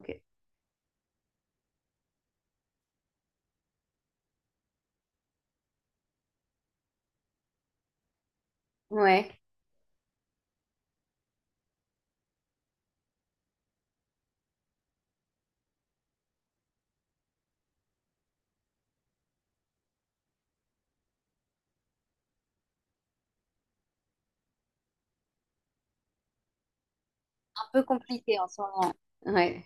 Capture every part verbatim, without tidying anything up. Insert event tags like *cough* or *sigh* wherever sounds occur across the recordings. Ok. Ouais. Un peu compliqué en ce moment. Ouais.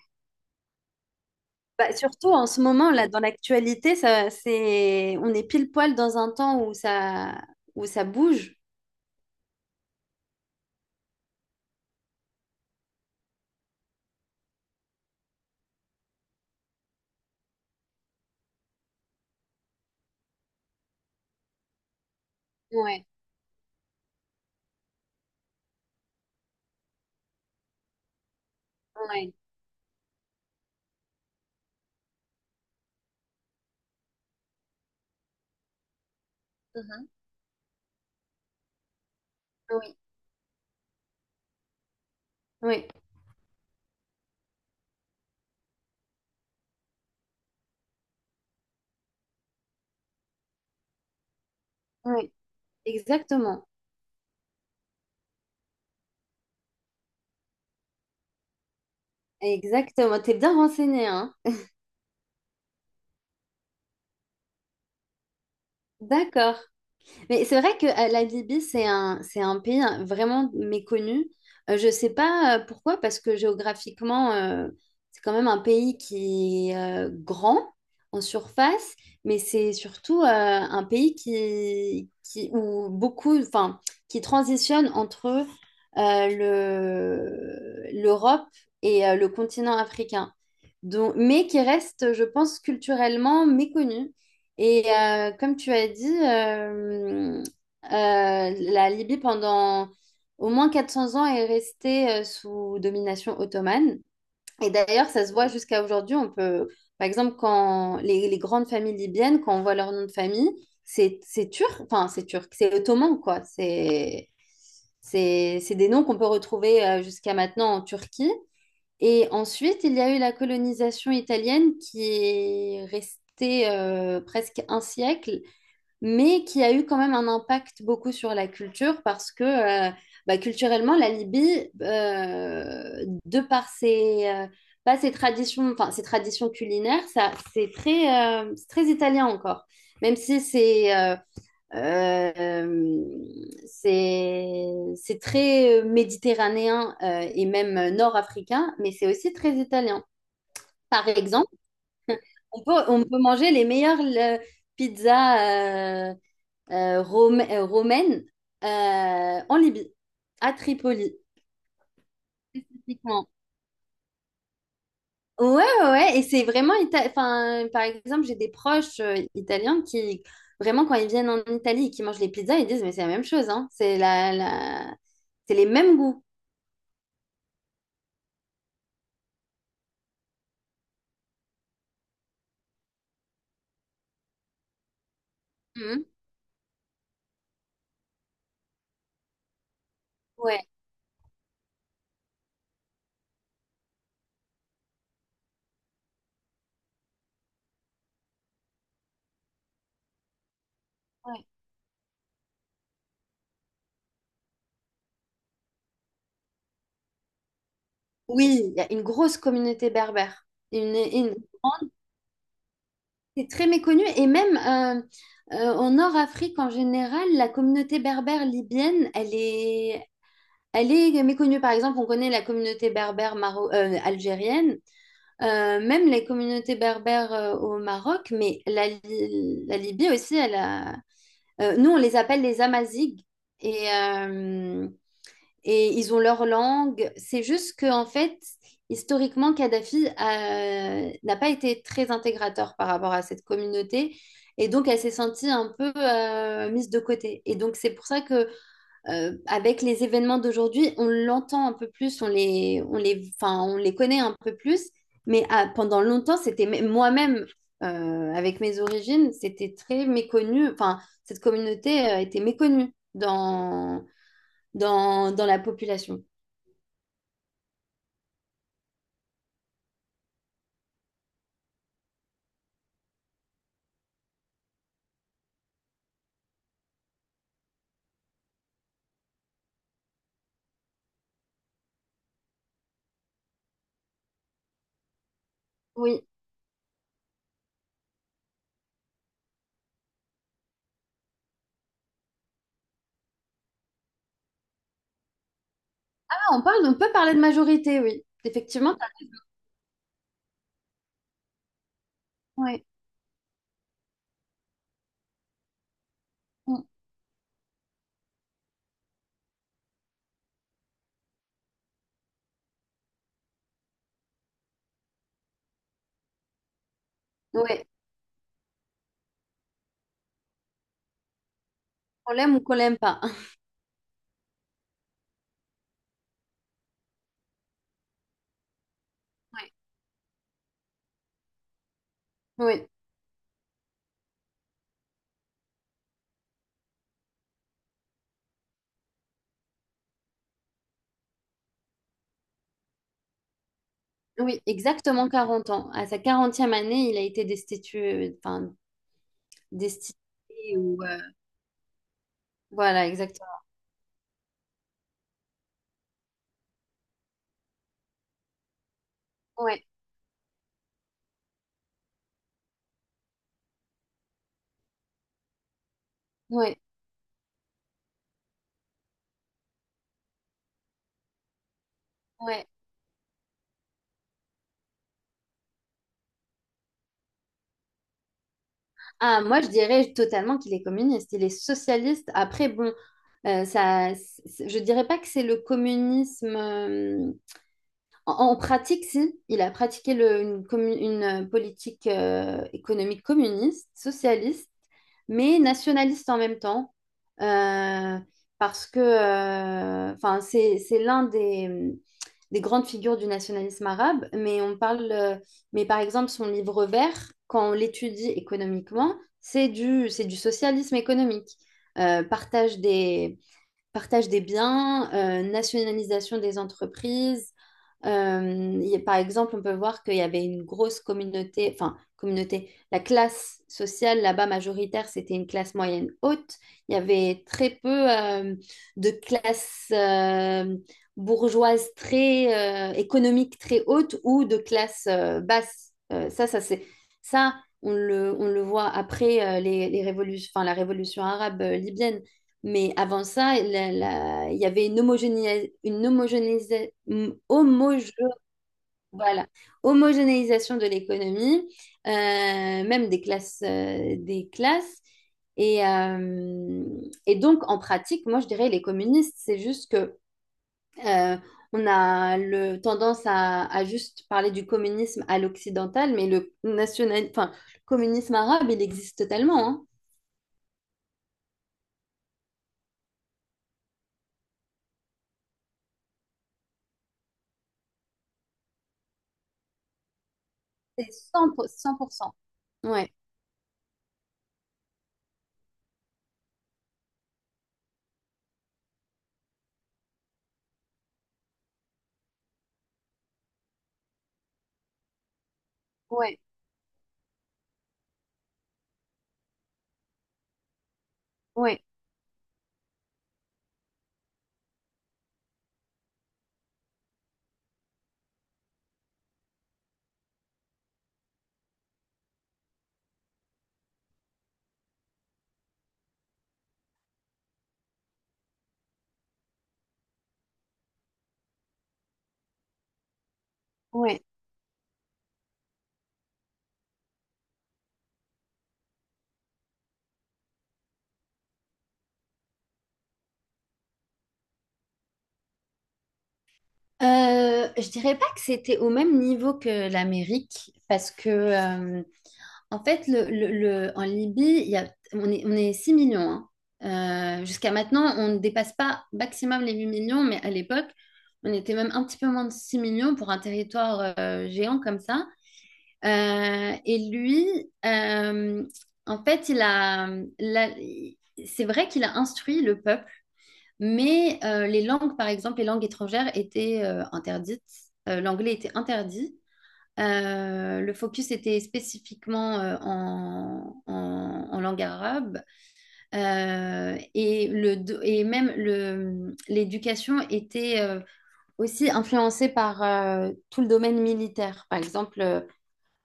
Bah, surtout en ce moment, là, dans l'actualité, ça, c'est, on est pile poil dans un temps où ça, où ça bouge. Ouais, ouais. Mhm. Oui, oui, oui, exactement. Exactement. T'es bien renseigné, hein? D'accord. Mais c'est vrai que euh, la Libye, c'est un, c'est un pays euh, vraiment méconnu. Euh, je ne sais pas euh, pourquoi, parce que géographiquement, euh, c'est quand même un pays qui est euh, grand en surface, mais c'est surtout euh, un pays qui, qui, où beaucoup, enfin, qui transitionne entre euh, le, l'Europe et euh, le continent africain. Donc, mais qui reste, je pense, culturellement méconnu. Et euh, comme tu as dit, euh, euh, la Libye pendant au moins quatre cents ans est restée euh, sous domination ottomane. Et d'ailleurs, ça se voit jusqu'à aujourd'hui. On peut, par exemple, quand les, les grandes familles libyennes, quand on voit leur nom de famille, c'est c'est turc, enfin c'est turc, c'est ottoman quoi. C'est c'est c'est des noms qu'on peut retrouver euh, jusqu'à maintenant en Turquie. Et ensuite, il y a eu la colonisation italienne qui est restée euh, presque un siècle mais qui a eu quand même un impact beaucoup sur la culture parce que euh, bah, culturellement, la Libye, euh, de par ses, euh, pas ses traditions, enfin, ses traditions culinaires, ça, c'est très, euh, c'est très italien encore, même si c'est euh, euh, c'est c'est très méditerranéen euh, et même nord-africain, mais c'est aussi très italien. Par exemple, on peut, on peut manger les meilleures le- pizzas euh, euh, Rome- euh, romaine euh, en Libye, à Tripoli. Typiquement. Ouais, ouais, ouais. Et c'est vraiment... ita- Enfin, par exemple, j'ai des proches euh, italiens qui, vraiment, quand ils viennent en Italie et qu'ils mangent les pizzas, ils disent, mais c'est la même chose, hein. C'est la, la... C'est les mêmes goûts. Mhm. Ouais. Ouais. Oui, il y a une grosse communauté berbère. Une, une grande-. C'est très méconnu. Et même euh, euh, en Nord-Afrique en général, la communauté berbère libyenne, elle est, elle est méconnue, par exemple, on connaît la communauté berbère maro euh, algérienne, euh, même les communautés berbères euh, au Maroc, mais la, Li- la Libye aussi, elle a... euh, Nous, on les appelle les Amazighs, et, euh, et ils ont leur langue. C'est juste que, en fait, historiquement, Kadhafi euh, n'a pas été très intégrateur par rapport à cette communauté, et donc elle s'est sentie un peu euh, mise de côté. Et donc c'est pour ça que euh, avec les événements d'aujourd'hui, on l'entend un peu plus, on les, on les, enfin, on les connaît un peu plus. Mais ah, pendant longtemps, c'était même- moi-même, euh, avec mes origines, c'était très méconnu. Enfin, cette communauté, euh, était méconnue dans, dans, dans la population. Oui. Ah, on parle, on peut parler de majorité, oui. Effectivement, t'as-. Ouais. Mm. Ouais. Qu'on l'aime ou qu'on l'aime pas. *laughs* Oui, oui, oui, exactement quarante ans. À sa quarantième année, il a été destitué, enfin, destinée ou euh, voilà, exactement. Ouais, ouais, ouais. Ah, moi, je dirais totalement qu'il est communiste. Il est socialiste. Après, bon, euh, ça, c'est- je dirais pas que c'est le communisme. euh, En, en pratique, si, il a pratiqué le- une, commu- une euh, politique euh, économique communiste, socialiste, mais nationaliste en même temps, euh, parce que euh, enfin, c'est, c'est l'un des, des grandes figures du nationalisme arabe, mais on parle, euh, mais par exemple, son livre vert, quand on l'étudie économiquement, c'est du, c'est du socialisme économique. Euh, partage des, partage des biens, euh, nationalisation des entreprises. Euh, il y a- par exemple, on peut voir qu'il y avait une grosse communauté, enfin, communauté, la classe sociale là-bas majoritaire, c'était une classe moyenne haute. Il y avait très peu euh, de classes euh, bourgeoises très euh, économiques très hautes ou de classes euh, basses. Euh, ça, ça c'est ça, on le, on le voit après euh, les, les révolutions, enfin, la révolution arabe euh, libyenne mais avant ça, la- la- il y avait une homogénéisation, une homogénéisa- hum, homoge- voilà, homogénéisation de l'économie, euh, même des classes, euh, des classes. Et, euh, et donc, en pratique, moi, je dirais les communistes, c'est juste que euh, on a le tendance à, à juste parler du communisme à l'occidental, mais le national, enfin, le communisme arabe, il existe totalement, hein. C'est cent pour cent, cent pour cent. Ouais, ouais, ouais, ouais. Euh, je dirais pas que c'était au même niveau que l'Amérique, parce que euh, en fait, le, le- le- en Libye, il y a, on est, on est six millions. Hein. Euh, jusqu'à maintenant, on ne dépasse pas maximum les huit millions, mais à l'époque, on était même un petit peu moins de six millions pour un territoire euh, géant comme ça. Euh, et lui, euh, en fait, il a, il a- c'est vrai qu'il a instruit le peuple mais euh, les langues, par exemple, les langues étrangères étaient euh, interdites. Euh, l'anglais était interdit. Euh, le focus était spécifiquement euh, en, en- en langue arabe. Euh, et, le, do- et même le, l'éducation était euh, aussi influencée par euh, tout le domaine militaire. Par exemple, euh,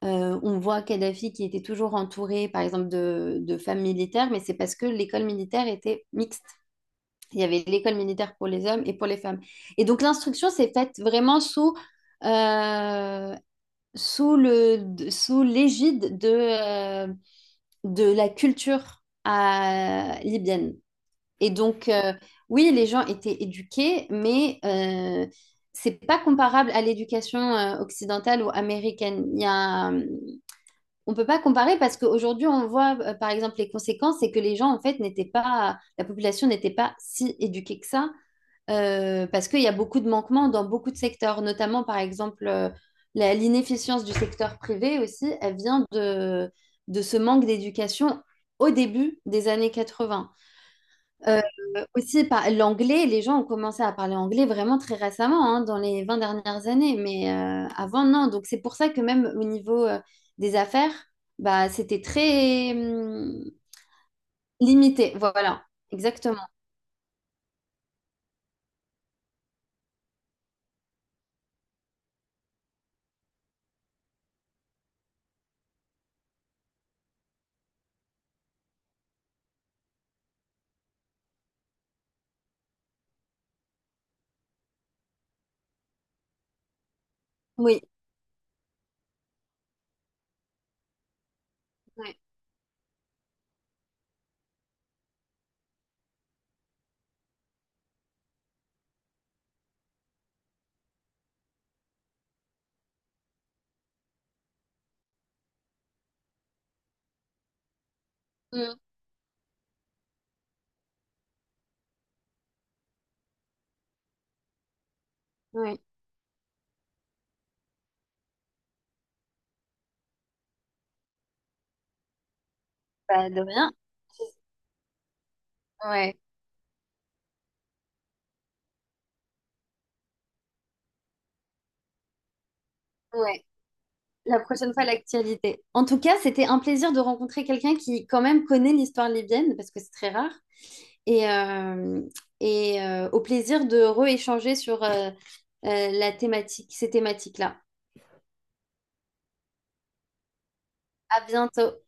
on voit Kadhafi qui était toujours entouré, par exemple, de, de femmes militaires, mais c'est parce que l'école militaire était mixte. Il y avait l'école militaire pour les hommes et pour les femmes. Et donc l'instruction s'est faite vraiment sous, euh, sous le, sous l'égide de, euh, de la culture euh, libyenne. Et donc, euh, oui, les gens étaient éduqués, mais euh, c'est pas comparable à l'éducation euh, occidentale ou américaine. Il y a, on peut pas comparer parce qu'aujourd'hui, on voit, euh, par exemple, les conséquences, c'est que les gens, en fait, n'étaient pas, la population n'était pas si éduquée que ça euh, parce qu'il y a beaucoup de manquements dans beaucoup de secteurs, notamment par exemple euh, la- l'inefficience du secteur privé aussi, elle vient de, de ce manque d'éducation au début des années quatre-vingts. Euh, Aussi par l'anglais, les gens ont commencé à parler anglais vraiment très récemment, hein, dans les vingt dernières années, mais euh, avant non. Donc c'est pour ça que même au niveau euh, des affaires, bah, c'était très hum, limité. Voilà, exactement. Oui. Oui. Mm. Oui. Bah, de rien. Ouais. Ouais, la prochaine fois, l'actualité. En tout cas, c'était un plaisir de rencontrer quelqu'un qui, quand même, connaît l'histoire libyenne, parce que c'est très rare. Et, euh, et euh, au plaisir de rééchanger sur euh, euh, la thématique, ces thématiques-là. À bientôt.